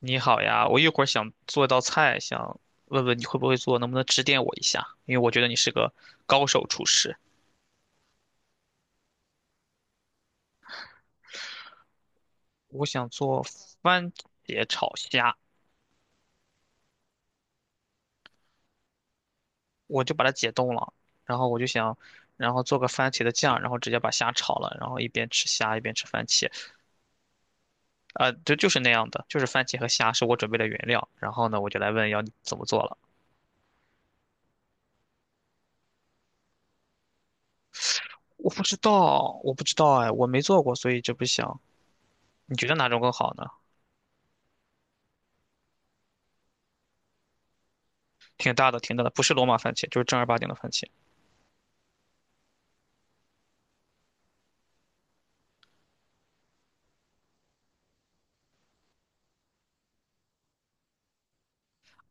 你好呀，我一会儿想做一道菜，想问问你会不会做，能不能指点我一下？因为我觉得你是个高手厨师。我想做番茄炒虾，我就把它解冻了，然后我就想，然后做个番茄的酱，然后直接把虾炒了，然后一边吃虾一边吃番茄。啊、对，就是那样的，就是番茄和虾是我准备的原料。然后呢，我就来问要你怎么做了。我不知道，我不知道哎，我没做过，所以就不想。你觉得哪种更好呢？挺大的，挺大的，不是罗马番茄，就是正儿八经的番茄。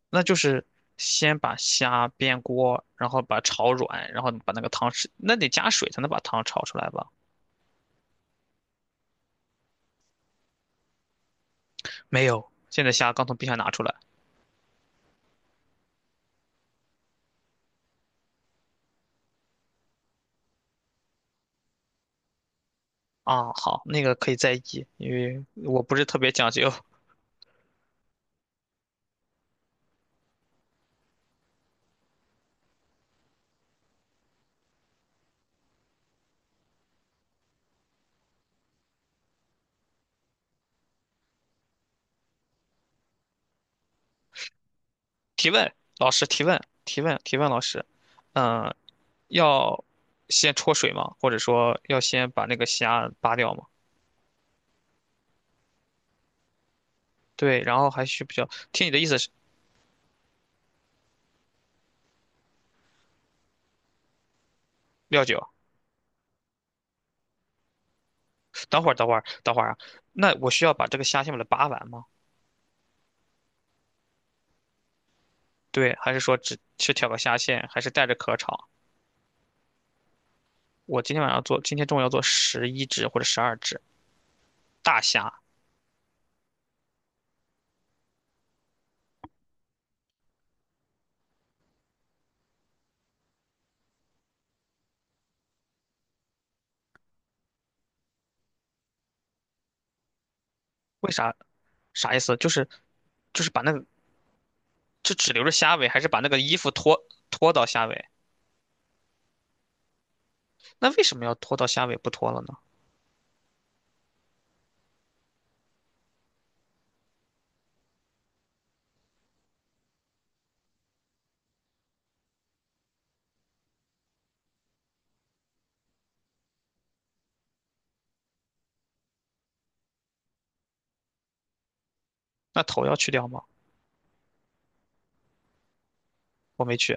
那就是先把虾煸锅，然后把炒软，然后把那个汤吃，那得加水才能把汤炒出来吧？没有，现在虾刚从冰箱拿出来。啊，好，那个可以再议，因为我不是特别讲究。提问，老师提问，提问，提问，老师，嗯、要先焯水吗？或者说要先把那个虾扒掉吗？对，然后还需不需要？听你的意思是料酒。等会儿，等会儿，等会儿啊，那我需要把这个虾先把它扒完吗？对，还是说只去挑个虾线，还是带着壳炒？我今天晚上做，今天中午要做11只或者12只大虾，为啥？啥意思？就是把那个就只留着虾尾，还是把那个衣服脱脱到虾尾？那为什么要脱到虾尾不脱了呢？那头要去掉吗？我没去。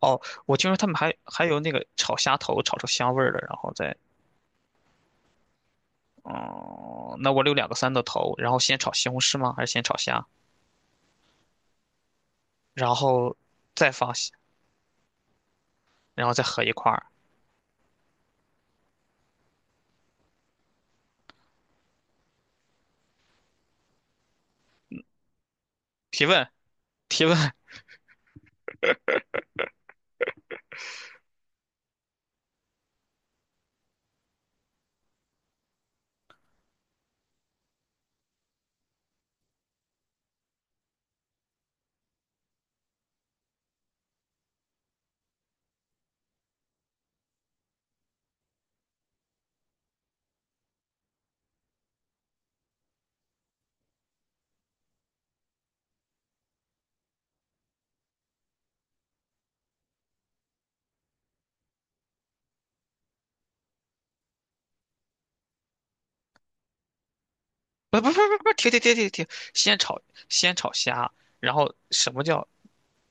哦，我听说他们还有那个炒虾头，炒出香味儿的，然后再嗯，那我留两个三的头，然后先炒西红柿吗？还是先炒虾，然后再放西然后再合一块儿？提问提问。不不不不不，停停停停停，先炒先炒虾，然后什么叫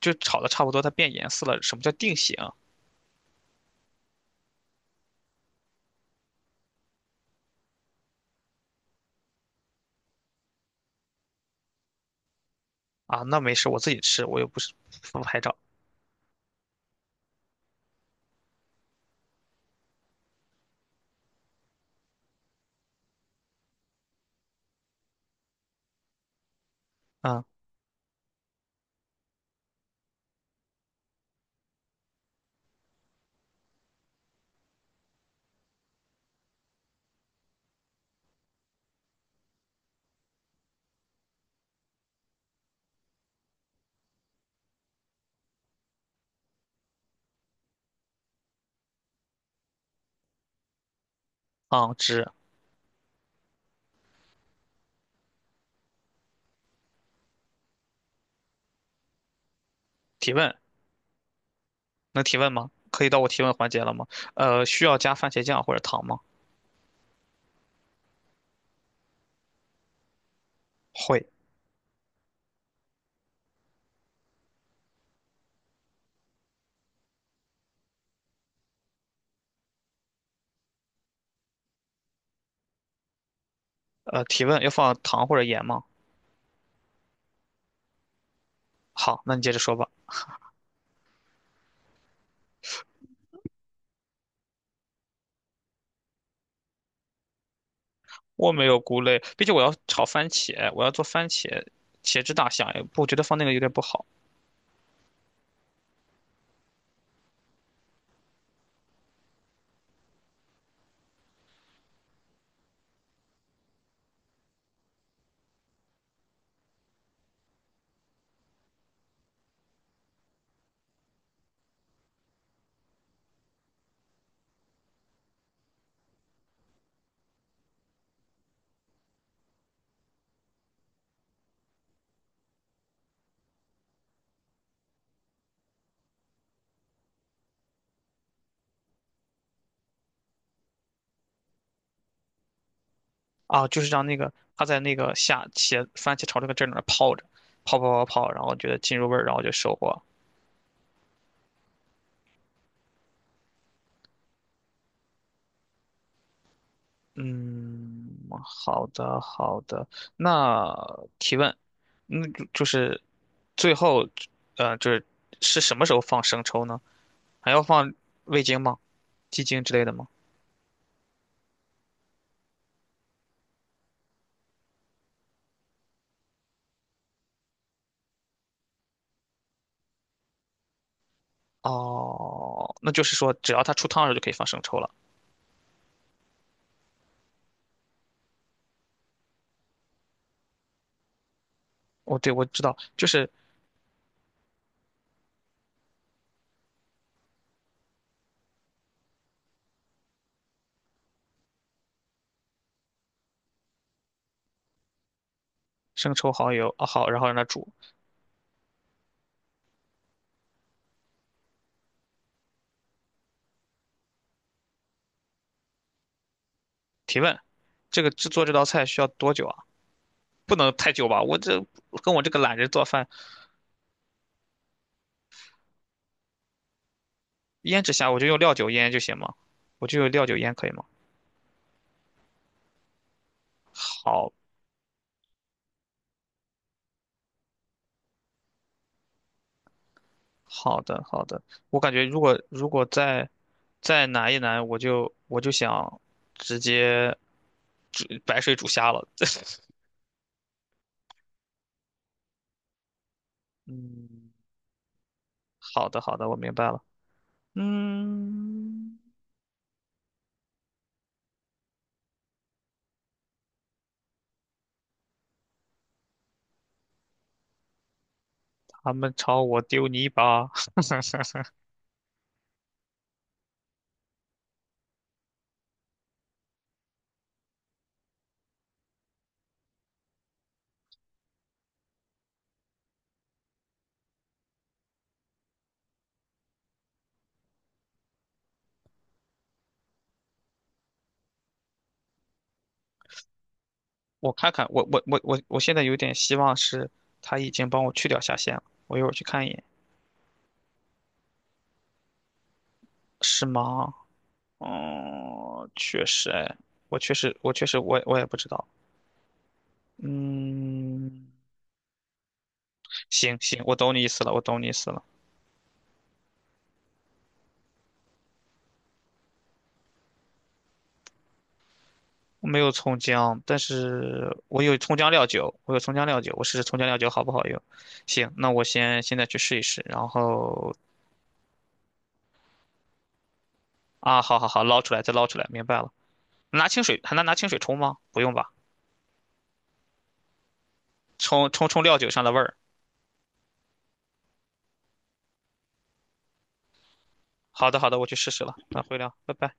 就炒的差不多，它变颜色了，什么叫定型啊？那没事，我自己吃，我又不是不拍照。嗯嗯，只提问能提问吗？可以到我提问环节了吗？需要加番茄酱或者糖吗？会。提问要放糖或者盐吗？好，那你接着说吧。我没有菇类，毕竟我要炒番茄，我要做番茄茄汁大虾，不我觉得放那个有点不好。啊，就是让那个它在那个下茄番茄炒这个汁儿里面泡着，泡泡泡泡，然后觉得进入味儿，然后就收获。嗯，好的好的。那提问，那就就是最后，就是是什么时候放生抽呢？还要放味精吗？鸡精之类的吗？哦，那就是说只要它出汤的时候就可以放生抽了。哦，对，我知道，就是生抽、蚝油，啊、好，然后让它煮。提问，这个制作这道菜需要多久啊？不能太久吧？我这跟我这个懒人做饭，腌制虾我就用料酒腌就行吗？我就用料酒腌可以吗？好好的好的，我感觉如果再再难一难，我就想直接煮白水煮虾了。嗯，好的好的，我明白了。嗯，他们朝我丢泥巴。我看看，我现在有点希望是他已经帮我去掉下线了，我一会儿去看一眼，是吗？哦，确实，哎，我确实，我确实，我也不知道。嗯，行行，我懂你意思了，我懂你意思了。我没有葱姜，但是我有葱姜料酒，我有葱姜料酒，我试试葱姜料酒好不好用。行，那我先现在去试一试，然后啊，好好好，捞出来再捞出来，明白了。拿清水还能拿清水冲吗？不用吧，冲冲冲料酒上的味儿。好的好的，我去试试了，那回聊，拜拜。